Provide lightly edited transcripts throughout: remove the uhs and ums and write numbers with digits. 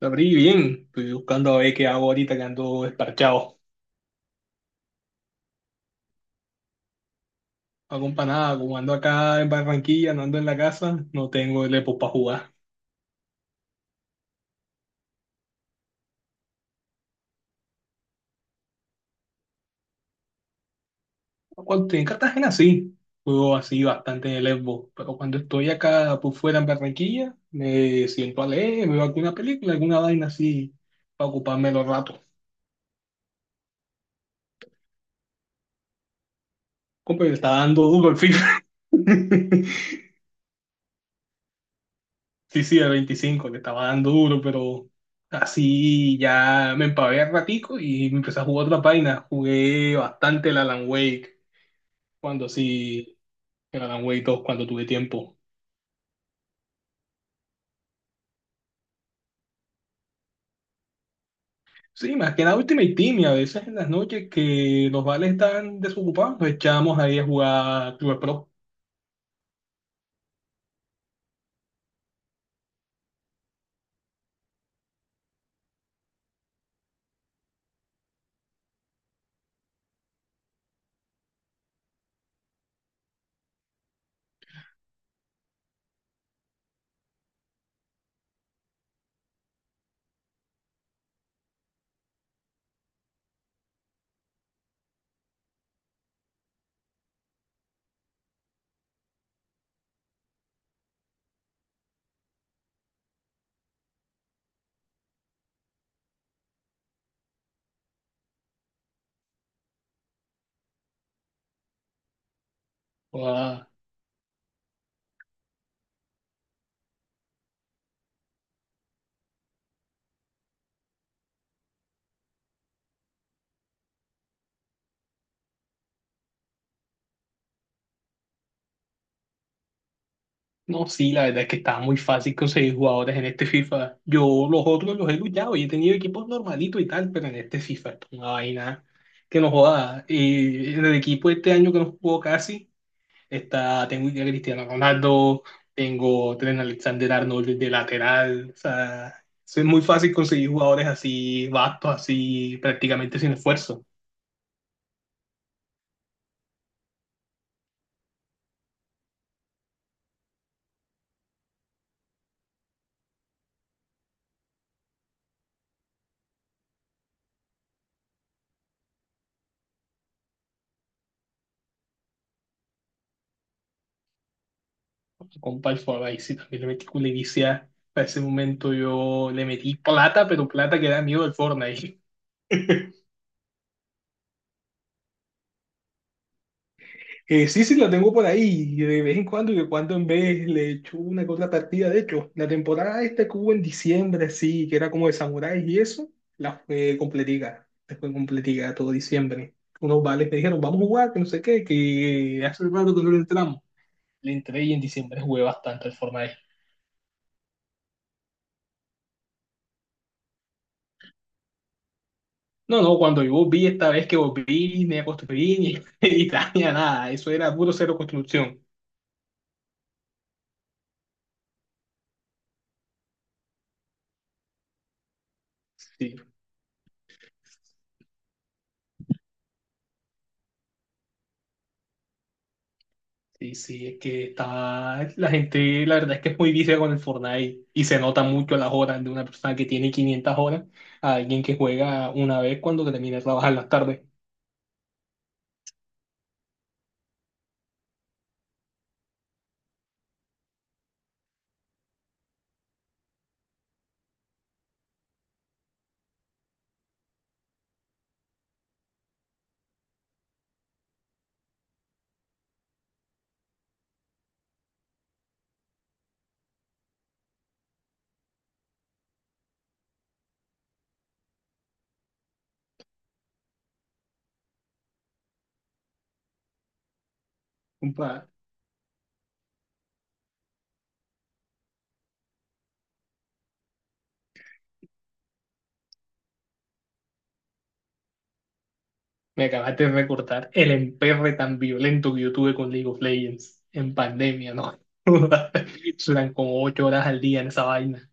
La abrí bien, estoy buscando a ver qué hago ahorita que ando desparchado. No hago pa' nada, como ando acá en Barranquilla, no ando en la casa, no tengo el Epo para jugar. Cuando estoy en Cartagena sí, juego así bastante en el Epo, pero cuando estoy acá por fuera en Barranquilla, me siento a leer, me veo alguna película, alguna vaina así, para ocuparme los ratos. Compa, le está dando duro el FIFA. Sí, sí, el 25, le estaba dando duro, pero así ya me empavé al ratico y me empecé a jugar otra página. Jugué bastante el Alan Wake, cuando sí, el Alan Wake dos cuando tuve tiempo. Sí, más que nada Ultimate Team, y a veces en las noches que los vales están desocupados, nos echamos ahí a jugar Club Pro. No, sí, la verdad es que está muy fácil conseguir jugadores en este FIFA. Yo los otros los he luchado y he tenido equipos normalitos y tal, pero en este FIFA esto es una vaina que no joda. Y en el equipo este año que no jugó casi, está, tengo a Cristiano Ronaldo, tengo a Trent Alexander-Arnold de lateral. O sea, es muy fácil conseguir jugadores así, vastos, así, prácticamente sin esfuerzo. Compa, el Forsyth, y también le metí culevicia. Para ese momento yo le metí plata, pero plata que da miedo el Fortnite. Sí, sí, la tengo por ahí. De vez en cuando, y de cuando en vez le echo una que otra partida. De hecho, la temporada esta que hubo en diciembre, sí, que era como de samuráis y eso, la fue completica. Después completica todo diciembre. Unos vales me dijeron, vamos a jugar, que no sé qué, que hace rato que no le entramos. Le entré y en diciembre jugué bastante el Fortnite. No, no, cuando yo vi esta vez que volví, me construí y nada, eso era puro cero construcción. Sí, sí, sí, es que está. La gente, la verdad es que es muy vicia con el Fortnite y se nota mucho las horas de una persona que tiene 500 horas a alguien que juega una vez cuando termina de trabajar las tardes. Compa, me acabaste de recordar el emperre tan violento que yo tuve con League of Legends en pandemia, ¿no? Eran como 8 horas al día en esa vaina.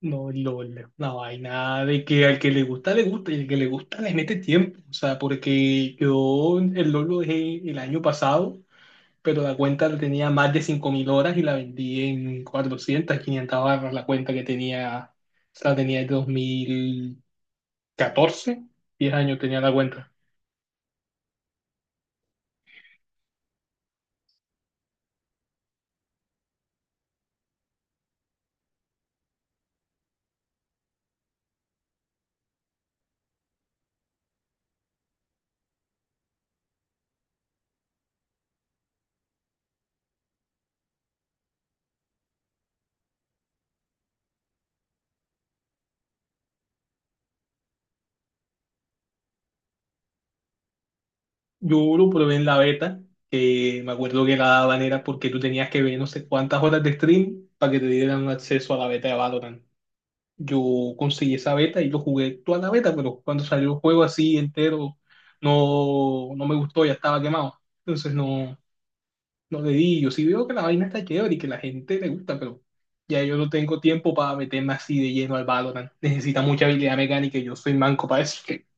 No, LOL, una vaina de que al que le gusta, y al que le gusta, le mete tiempo. O sea, porque yo el LOL lo dejé el año pasado, pero la cuenta tenía más de 5.000 horas y la vendí en 400, 500 barras. La cuenta que tenía, o sea, la tenía desde 2014, 10 años tenía la cuenta. Yo lo probé en la beta, que me acuerdo que la daban era porque tú tenías que ver no sé cuántas horas de stream para que te dieran un acceso a la beta de Valorant. Yo conseguí esa beta y lo jugué toda la beta, pero cuando salió el juego así entero, no, no me gustó, ya estaba quemado. Entonces no, los dedillos. Sí veo que la vaina está chévere y que la gente le gusta, pero ya yo no tengo tiempo para meterme así de lleno al Valorant. Necesita mucha habilidad mecánica y yo soy manco para eso.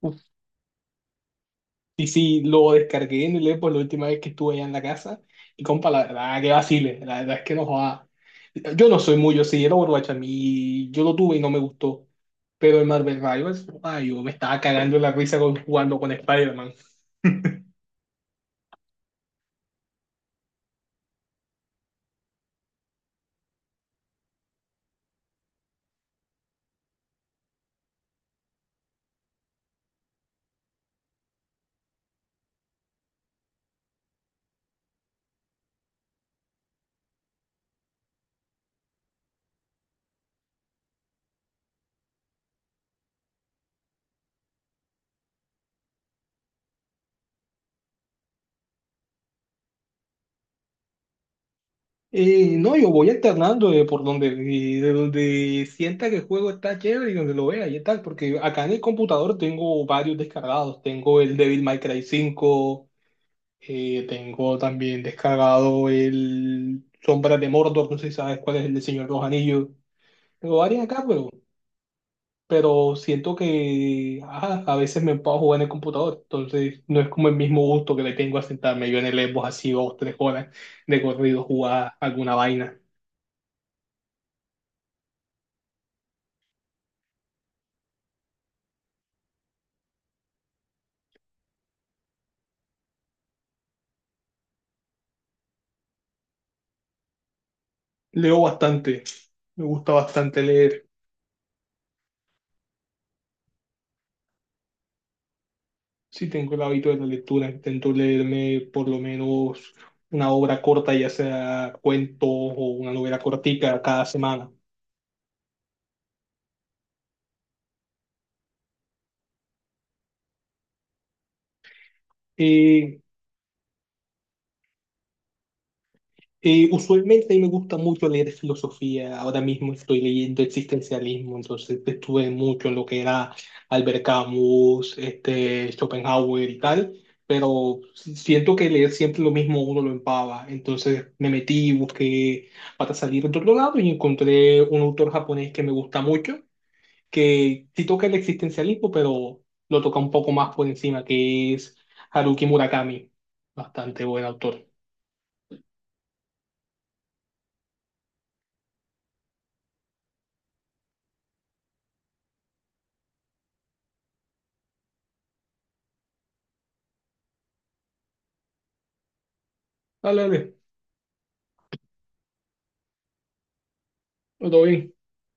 Uf, y sí, lo descargué en el Xbox la última vez que estuve allá en la casa. Y compa, la verdad que vacile, la verdad es que no joda. Yo no soy muy, yo sí, el Overwatch a mí, yo lo tuve y no me gustó. Pero el Marvel Rivals, ay, yo me estaba cagando en la risa con- jugando con Spider-Man. No, yo voy alternando de por donde, y de donde sienta que el juego está chévere y donde lo vea y tal, porque acá en el computador tengo varios descargados. Tengo el Devil May Cry cinco, tengo también descargado el Sombras de Mordor, no sé si sabes cuál es el del Señor de los Anillos. Tengo varios acá, pero siento que ajá, a veces me puedo jugar en el computador, entonces no es como el mismo gusto que le tengo a sentarme yo en el Xbox así dos, tres horas de corrido jugar alguna vaina. Leo bastante, me gusta bastante leer. Sí tengo el hábito de la lectura, intento leerme por lo menos una obra corta, ya sea cuentos o una novela cortica cada semana. Eh, usualmente a mí me gusta mucho leer filosofía. Ahora mismo estoy leyendo existencialismo, entonces estuve mucho en lo que era Albert Camus, este, Schopenhauer y tal, pero siento que leer siempre lo mismo uno lo empava. Entonces me metí, busqué para salir de otro lado y encontré un autor japonés que me gusta mucho, que sí toca el existencialismo, pero lo toca un poco más por encima, que es Haruki Murakami. Bastante buen autor. Dale, dale, todo bien.